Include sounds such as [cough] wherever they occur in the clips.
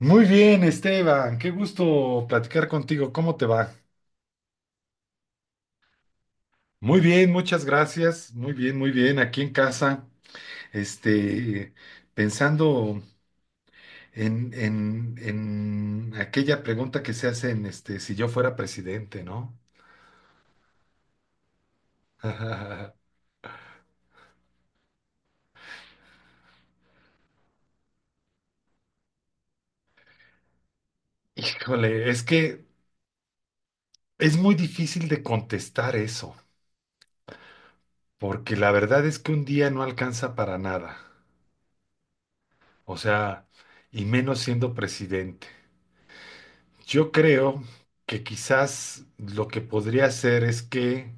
Muy bien, Esteban, qué gusto platicar contigo. ¿Cómo te va? Muy bien, muchas gracias. Muy bien, muy bien. Aquí en casa, este, pensando en aquella pregunta que se hace si yo fuera presidente, ¿no? [laughs] ¡Híjole! Es que es muy difícil de contestar eso, porque la verdad es que un día no alcanza para nada, o sea, y menos siendo presidente. Yo creo que quizás lo que podría hacer es que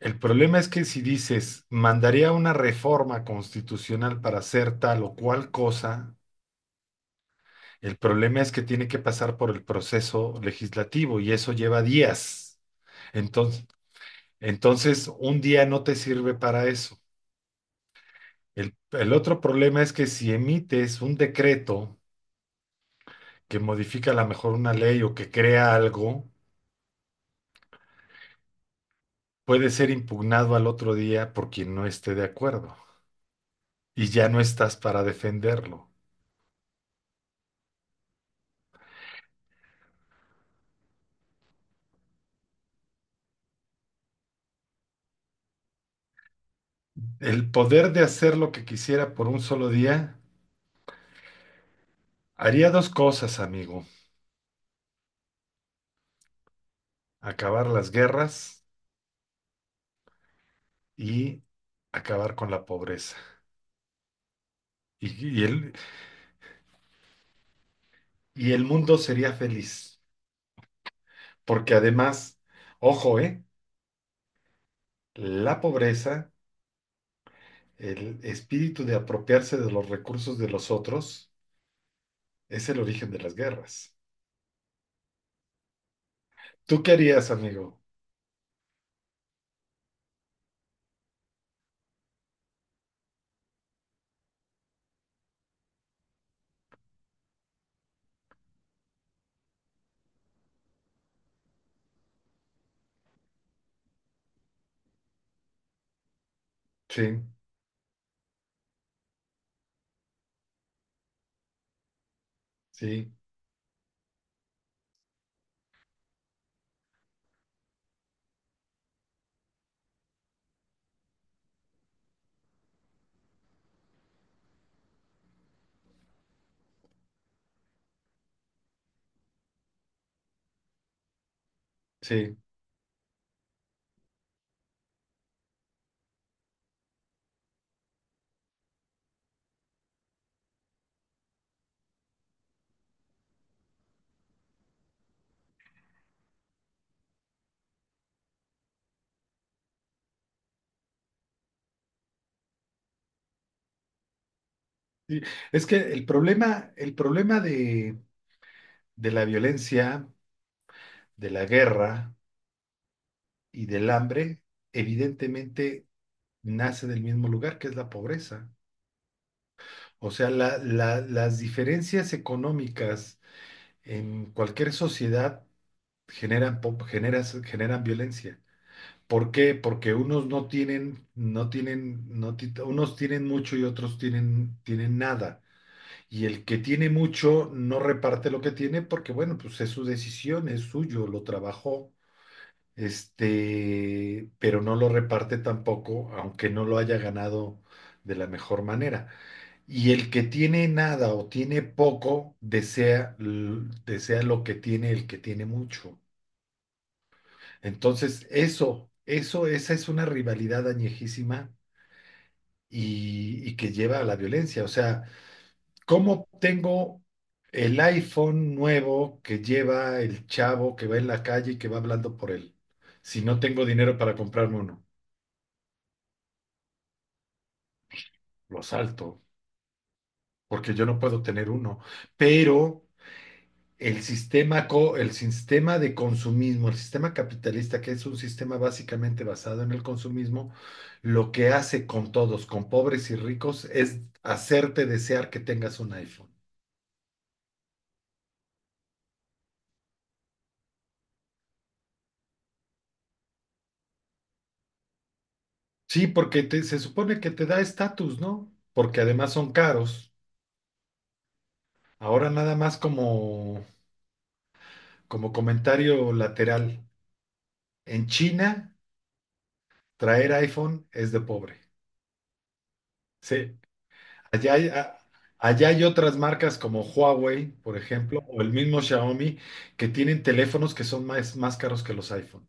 el problema es que si dices, mandaría una reforma constitucional para hacer tal o cual cosa, el problema es que tiene que pasar por el proceso legislativo y eso lleva días. Entonces, entonces, un día no te sirve para eso. El otro problema es que si emites un decreto que modifica a lo mejor una ley o que crea algo, puede ser impugnado al otro día por quien no esté de acuerdo y ya no estás para defenderlo. El poder de hacer lo que quisiera por un solo día haría dos cosas, amigo. Acabar las guerras y acabar con la pobreza. Y, y el, y el mundo sería feliz. Porque además, ojo, ¿eh? La pobreza, el espíritu de apropiarse de los recursos de los otros, es el origen de las guerras. ¿Tú qué harías, amigo? Sí, sí. Sí, sí. Es que el problema de la violencia, de la guerra y del hambre, evidentemente nace del mismo lugar, que es la pobreza. O sea, las diferencias económicas en cualquier sociedad generan violencia. ¿Por qué? Porque unos no tienen, no tienen, no ti- unos tienen mucho y otros tienen nada. Y el que tiene mucho no reparte lo que tiene porque, bueno, pues es su decisión, es suyo, lo trabajó, pero no lo reparte tampoco, aunque no lo haya ganado de la mejor manera. Y el que tiene nada o tiene poco, desea lo que tiene el que tiene mucho. Entonces, eso, esa es una rivalidad añejísima y que lleva a la violencia. O sea, ¿cómo tengo el iPhone nuevo que lleva el chavo que va en la calle y que va hablando por él? Si no tengo dinero para comprarme uno, lo salto, porque yo no puedo tener uno. Pero el sistema, el sistema de consumismo, el sistema capitalista, que es un sistema básicamente basado en el consumismo, lo que hace con todos, con pobres y ricos, es hacerte desear que tengas un iPhone. Sí, porque se supone que te da estatus, ¿no? Porque además son caros. Ahora nada más como comentario lateral. En China, traer iPhone es de pobre. Sí, allá hay, a- allá hay otras marcas como Huawei, por ejemplo, o el mismo Xiaomi, que tienen teléfonos que son más caros que los iPhone.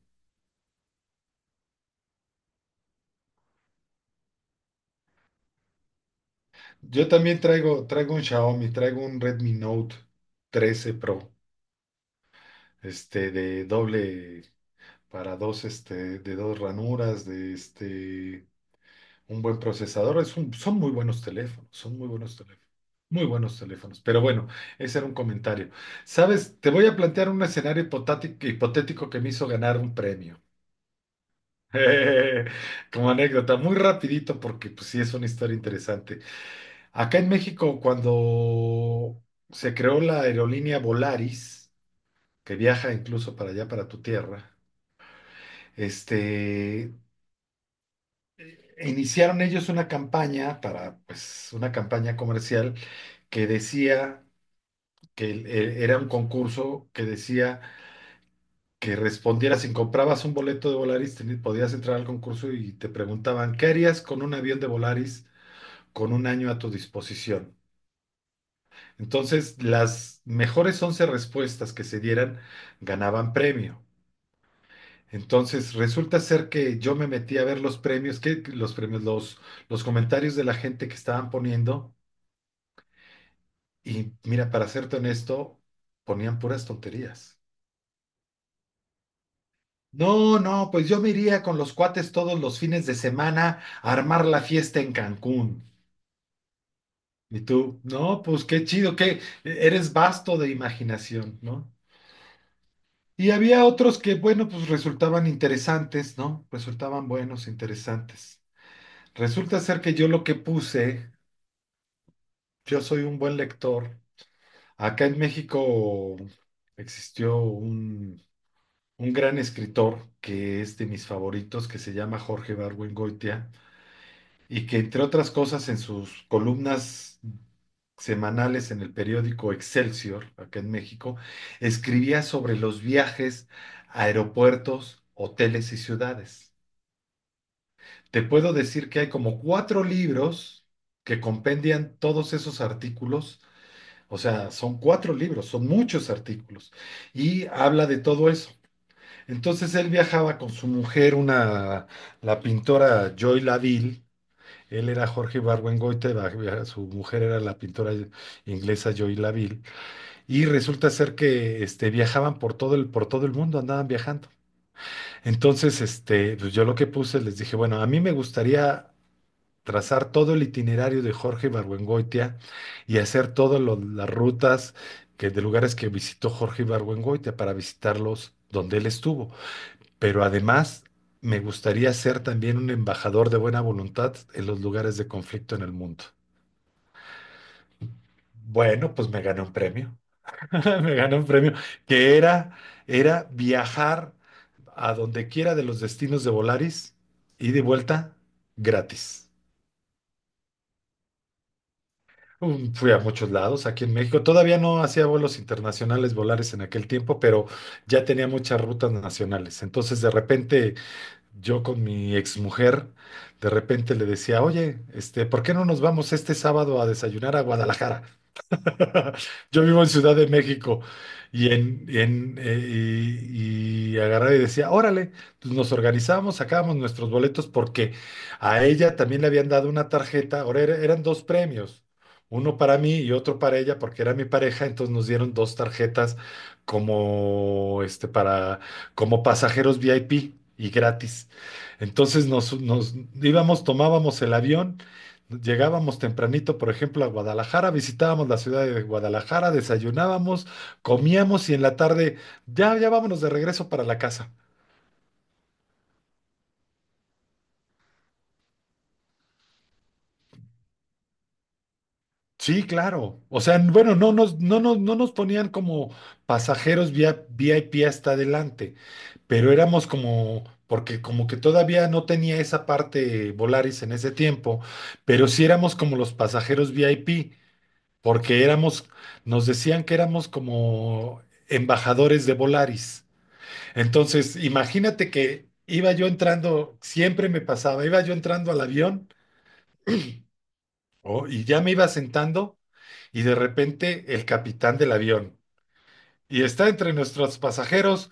Yo también traigo un Xiaomi, traigo un Redmi Note 13 Pro, de doble, para dos, de dos ranuras, un buen procesador, son muy buenos teléfonos, son muy buenos teléfonos, muy buenos teléfonos. Pero bueno, ese era un comentario. Sabes, te voy a plantear un escenario hipotético que me hizo ganar un premio. [laughs] Como anécdota, muy rapidito porque pues sí es una historia interesante. Acá en México, cuando se creó la aerolínea Volaris, que viaja incluso para allá, para tu tierra, este, iniciaron ellos una campaña para, pues, una campaña comercial que decía que era un concurso que decía que respondieras, si comprabas un boleto de Volaris, podías entrar al concurso y te preguntaban, ¿qué harías con un avión de Volaris con un año a tu disposición? Entonces, las mejores 11 respuestas que se dieran ganaban premio. Entonces, resulta ser que yo me metí a ver los premios, que los premios, los comentarios de la gente que estaban poniendo, y mira, para serte honesto, ponían puras tonterías. No, no, pues yo me iría con los cuates todos los fines de semana a armar la fiesta en Cancún. ¿Y tú? No, pues qué chido, que eres vasto de imaginación, ¿no? Y había otros que, bueno, pues resultaban interesantes, ¿no? Resultaban buenos, interesantes. Resulta ser que yo lo que puse, yo soy un buen lector. Acá en México existió un gran escritor que es de mis favoritos, que se llama Jorge Goitia y que entre otras cosas en sus columnas semanales en el periódico Excelsior, acá en México, escribía sobre los viajes a aeropuertos, hoteles y ciudades. Te puedo decir que hay como cuatro libros que compendian todos esos artículos. O sea, son cuatro libros, son muchos artículos, y habla de todo eso. Entonces él viajaba con su mujer, una, la pintora Joy Laville. Él era Jorge Ibargüengoitia, su mujer era la pintora inglesa Joy Laville, y resulta ser que viajaban por todo el mundo, andaban viajando. Entonces, pues yo lo que puse, les dije, bueno, a mí me gustaría trazar todo el itinerario de Jorge Ibargüengoitia y hacer todas las rutas que, de lugares que visitó Jorge Ibargüengoitia para visitarlos donde él estuvo. Pero además, me gustaría ser también un embajador de buena voluntad en los lugares de conflicto en el mundo. Bueno, pues me gané un premio. [laughs] Me gané un premio que era viajar a donde quiera de los destinos de Volaris y de vuelta gratis. Fui a muchos lados aquí en México. Todavía no hacía vuelos internacionales Volaris en aquel tiempo, pero ya tenía muchas rutas nacionales. Entonces, de repente, yo con mi exmujer, de repente le decía, oye, ¿por qué no nos vamos este sábado a desayunar a Guadalajara? [laughs] Yo vivo en Ciudad de México y agarraba y decía, órale, pues nos organizamos, sacábamos nuestros boletos porque a ella también le habían dado una tarjeta, eran dos premios, uno para mí y otro para ella porque era mi pareja, entonces nos dieron dos tarjetas como para como pasajeros VIP y gratis. Entonces nos íbamos, tomábamos el avión. Llegábamos tempranito, por ejemplo, a Guadalajara, visitábamos la ciudad de Guadalajara, desayunábamos, comíamos y en la tarde, ya, ya vámonos de regreso para la casa. Sí, claro. O sea, bueno, no nos ponían como pasajeros vía VIP hasta adelante, pero éramos como, porque como que todavía no tenía esa parte Volaris en ese tiempo, pero sí éramos como los pasajeros VIP, porque éramos, nos decían que éramos como embajadores de Volaris. Entonces, imagínate que iba yo entrando, siempre me pasaba, iba yo entrando al avión. Oh, y ya me iba sentando y de repente el capitán del avión. Y está entre nuestros pasajeros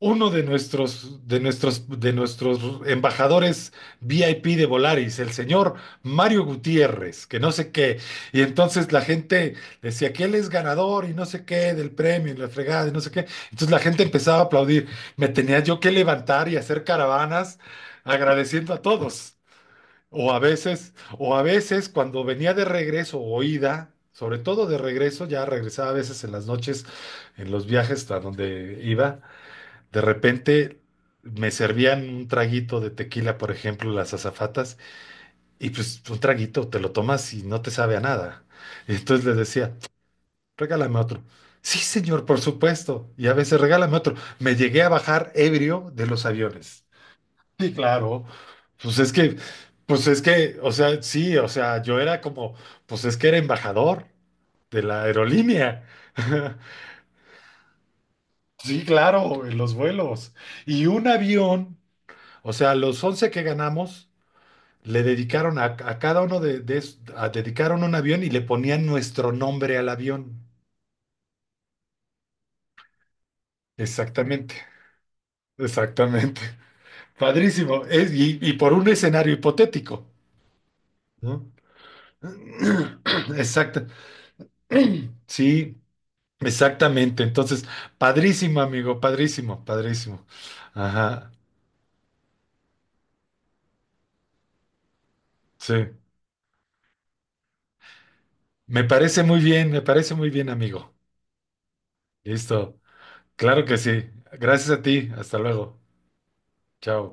uno de nuestros, de nuestros, de nuestros embajadores VIP de Volaris, el señor Mario Gutiérrez, que no sé qué. Y entonces la gente decía que él es ganador y no sé qué del premio y la fregada y no sé qué. Entonces la gente empezaba a aplaudir. Me tenía yo que levantar y hacer caravanas agradeciendo a todos. O a veces cuando venía de regreso o ida, sobre todo de regreso, ya regresaba a veces en las noches, en los viajes a donde iba, de repente me servían un traguito de tequila, por ejemplo, las azafatas, y pues un traguito te lo tomas y no te sabe a nada. [laughs] Y entonces les decía, regálame otro. Sí, señor, por supuesto. Y a veces regálame otro. Me llegué a bajar ebrio de los aviones. Sí, claro. Pues es que, pues es que, o sea, sí, o sea, yo era como, pues es que era embajador de la aerolínea. [laughs] Sí, claro, en los vuelos. Y un avión O sea, los 11 que ganamos le dedicaron a cada uno dedicaron un avión y le ponían nuestro nombre al avión. Exactamente, exactamente. Padrísimo. Y por un escenario hipotético, ¿no? [clears throat] Exacto. [clears throat] Sí, exactamente. Entonces, padrísimo, amigo, padrísimo, padrísimo. Ajá, sí. Me parece muy bien, me parece muy bien, amigo. Listo. Claro que sí. Gracias a ti. Hasta luego. Chao.